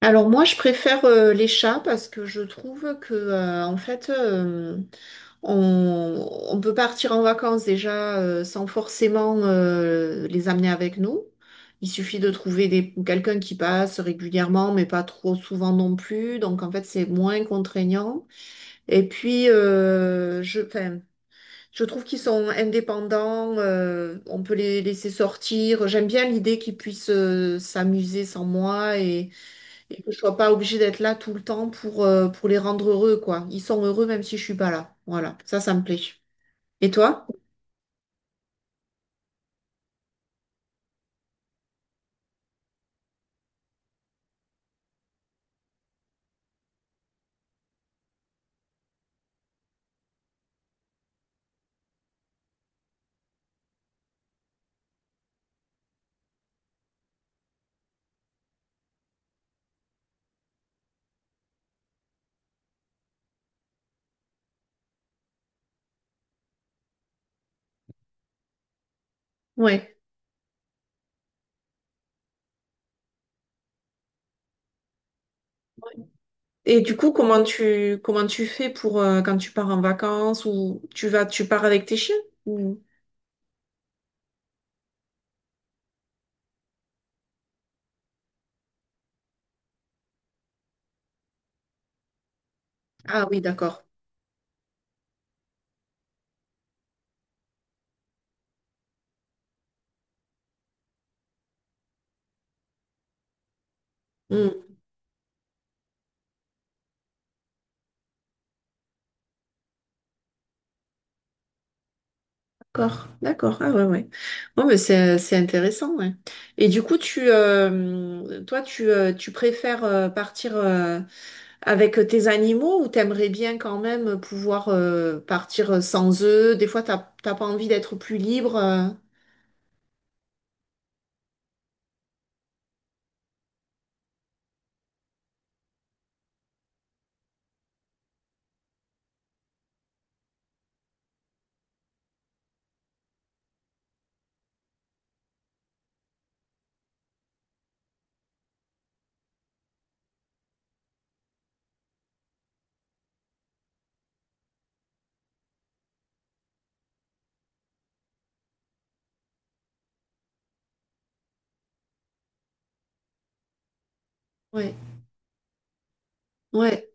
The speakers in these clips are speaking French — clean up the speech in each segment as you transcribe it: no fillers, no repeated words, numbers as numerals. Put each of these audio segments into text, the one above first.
Alors moi, je préfère les chats parce que je trouve que on peut partir en vacances déjà sans forcément les amener avec nous. Il suffit de trouver quelqu'un qui passe régulièrement, mais pas trop souvent non plus. Donc en fait, c'est moins contraignant. Et puis, je trouve qu'ils sont indépendants. On peut les laisser sortir. J'aime bien l'idée qu'ils puissent s'amuser sans moi et que je sois pas obligée d'être là tout le temps pour les rendre heureux, quoi. Ils sont heureux même si je suis pas là. Voilà, ça me plaît. Et toi? Ouais. Et du coup, comment tu fais pour quand tu pars en vacances ou tu pars avec tes chiens? ou- Ah oui, d'accord. Hmm. D'accord, d'accord. Ah ouais, ouais. Bon, mais c'est intéressant, ouais. Et du coup, tu toi tu tu préfères partir avec tes animaux, ou t'aimerais bien quand même pouvoir partir sans eux? Des fois, t'as pas envie d'être plus libre? Ouais, ouais.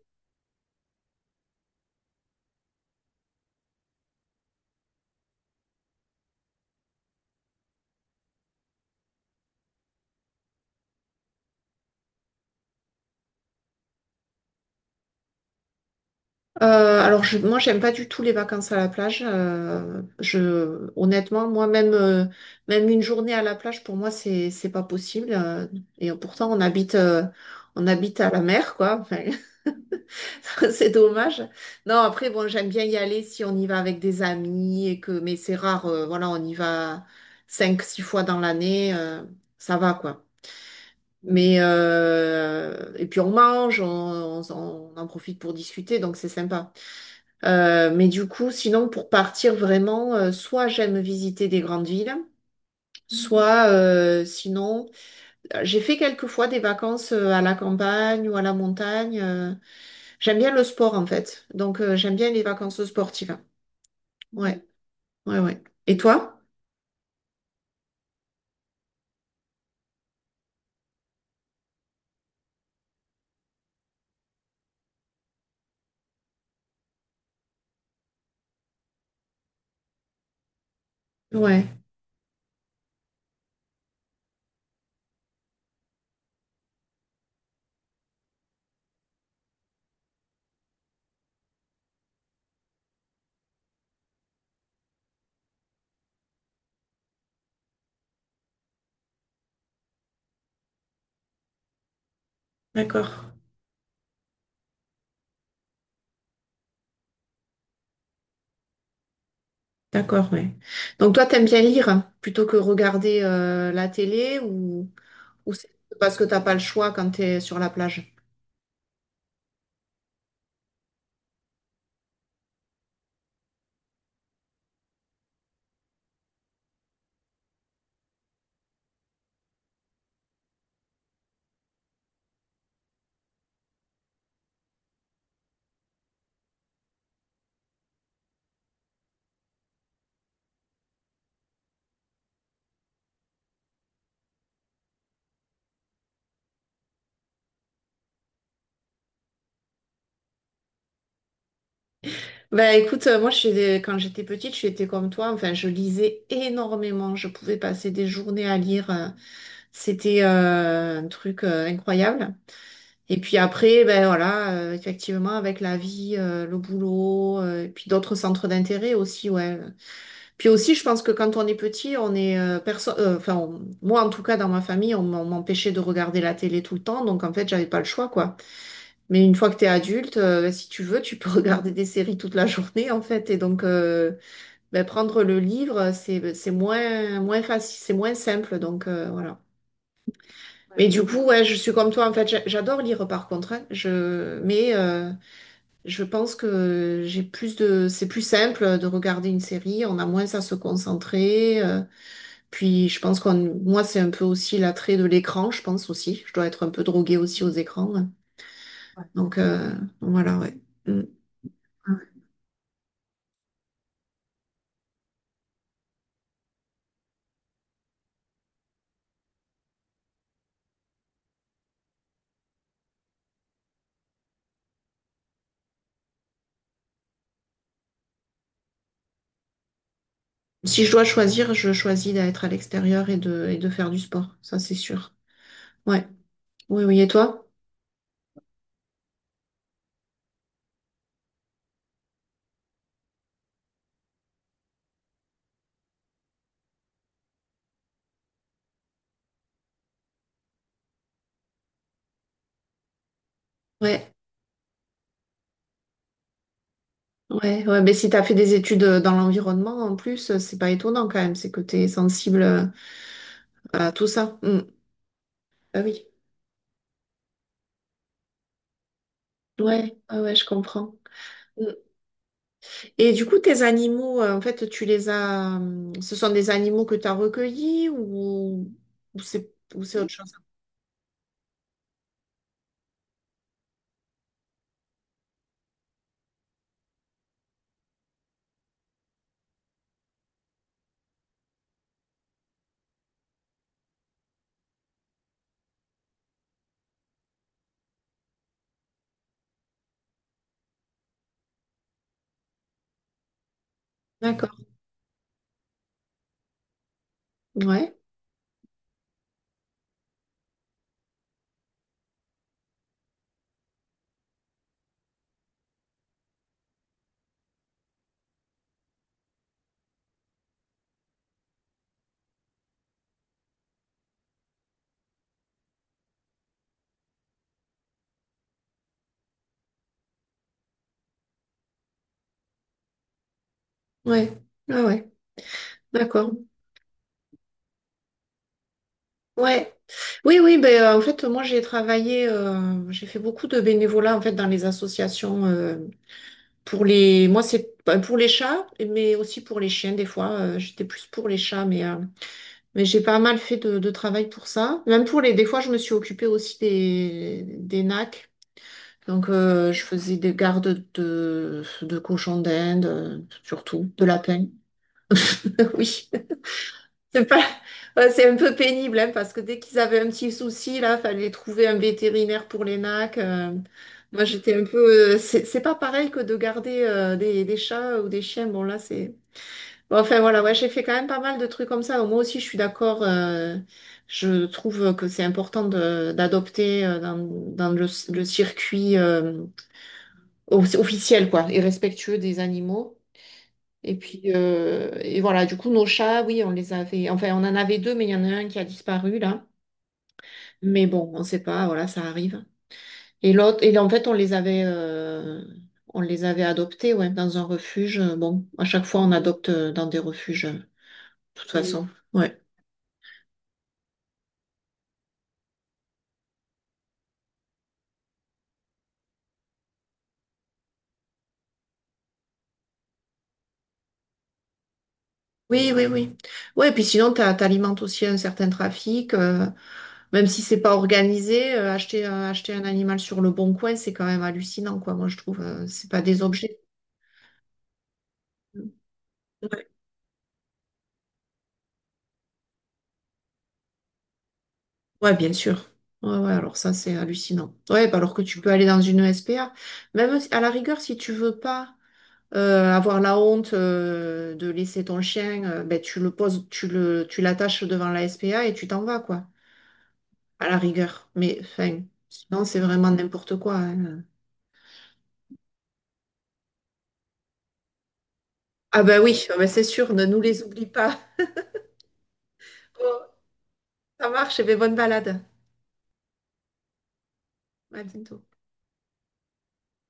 Moi, j'aime pas du tout les vacances à la plage. Honnêtement, moi même même une journée à la plage pour moi, c'est pas possible. Et pourtant, on habite à la mer, quoi. C'est dommage. Non, après, bon, j'aime bien y aller si on y va avec des amis et que, mais c'est rare, voilà, on y va 5, 6 fois dans l'année, ça va, quoi. Mais, et puis on mange, on en profite pour discuter, donc c'est sympa. Mais du coup, sinon, pour partir vraiment, soit j'aime visiter des grandes villes, soit, j'ai fait quelques fois des vacances à la campagne ou à la montagne. J'aime bien le sport en fait. Donc j'aime bien les vacances sportives. Ouais, ouais, ouais. Et toi? Ouais, d'accord, d'accord, ouais. Donc toi, t'aimes bien lire hein, plutôt que regarder la télé, ou c'est parce que t'as pas le choix quand t'es sur la plage? Bah écoute, moi je quand j'étais petite, j'étais comme toi. Enfin, je lisais énormément. Je pouvais passer des journées à lire. C'était un truc incroyable. Et puis après, ben voilà, effectivement, avec la vie, le boulot, et puis d'autres centres d'intérêt aussi, ouais. Puis aussi, je pense que quand on est petit, on moi en tout cas dans ma famille, on m'empêchait de regarder la télé tout le temps, donc en fait, j'avais pas le choix, quoi. Mais une fois que t'es adulte, ben, si tu veux, tu peux regarder des séries toute la journée, en fait. Et donc, ben, prendre le livre, c'est moins facile, c'est moins simple, donc voilà. Mais du coup, ouais, je suis comme toi, en fait, j'adore lire par contre, hein. Je... Mais je pense que j'ai plus de... c'est plus simple de regarder une série, on a moins à se concentrer. Puis je pense, c'est un peu aussi l'attrait de l'écran, je pense aussi. Je dois être un peu droguée aussi aux écrans, hein. Donc voilà, ouais. Mm. Si je dois choisir, je choisis d'être à l'extérieur et de faire du sport, ça c'est sûr. Ouais, oui, oui, et toi? Ouais. Ouais, ouais, mais si tu as fait des études dans l'environnement, en plus, c'est pas étonnant quand même, c'est que tu es sensible à tout ça. Mm. Ah oui, ouais, ah ouais, je comprends. Mm. Et du coup, tes animaux, tu les as. Ce sont des animaux que tu as recueillis, ou c'est autre chose? D'accord. Ouais, ouais, ouais, ouais. D'accord. Ouais. Oui, oui, ben, moi, j'ai fait beaucoup de bénévolat, en fait, dans les associations. Pour les, moi, c'est bah, pour les chats, mais aussi pour les chiens, des fois. J'étais plus pour les chats, mais j'ai pas mal fait de travail pour ça. Même pour les, des fois, je me suis occupée aussi des nacs. Donc, je faisais des gardes de cochons d'Inde, surtout, de lapins. Oui. C'est pas... ouais, c'est un peu pénible, hein, parce que dès qu'ils avaient un petit souci, là, fallait trouver un vétérinaire pour les nacs. Moi, j'étais un peu... c'est pas pareil que de garder des chats ou des chiens. Bon, là, c'est... Bon, enfin, voilà, ouais, j'ai fait quand même pas mal de trucs comme ça. Moi aussi, je suis d'accord. Je trouve que c'est important d'adopter dans le circuit officiel, quoi, et respectueux des animaux. Et puis, voilà, du coup, nos chats, oui, on les avait. Enfin, on en avait 2, mais il y en a un qui a disparu, là. Mais bon, on ne sait pas, voilà, ça arrive. Et l'autre, et en fait, on les avait adoptés, ouais, dans un refuge. Bon, à chaque fois, on adopte dans des refuges, de toute Oui. façon. Ouais. Oui, oui, oui. Ouais, puis sinon, tu alimentes aussi un certain trafic. Même si c'est pas organisé, acheter un animal sur Le Bon Coin, c'est quand même hallucinant, quoi, moi, je trouve. C'est pas des objets. Ouais, bien sûr. Ouais, ouais, alors ça, c'est hallucinant. Ouais, bah alors que tu peux aller dans une SPA. Même si- à la rigueur, si tu veux pas avoir la honte de laisser ton chien, ben, tu le poses, tu l'attaches devant la SPA et tu t'en vas, quoi. À la rigueur. Mais, enfin, sinon, c'est vraiment n'importe quoi, hein. Ah ben oui, ah ben c'est sûr, ne nous les oublie pas. Bon, ça marche, et ben bonne balade. À bientôt.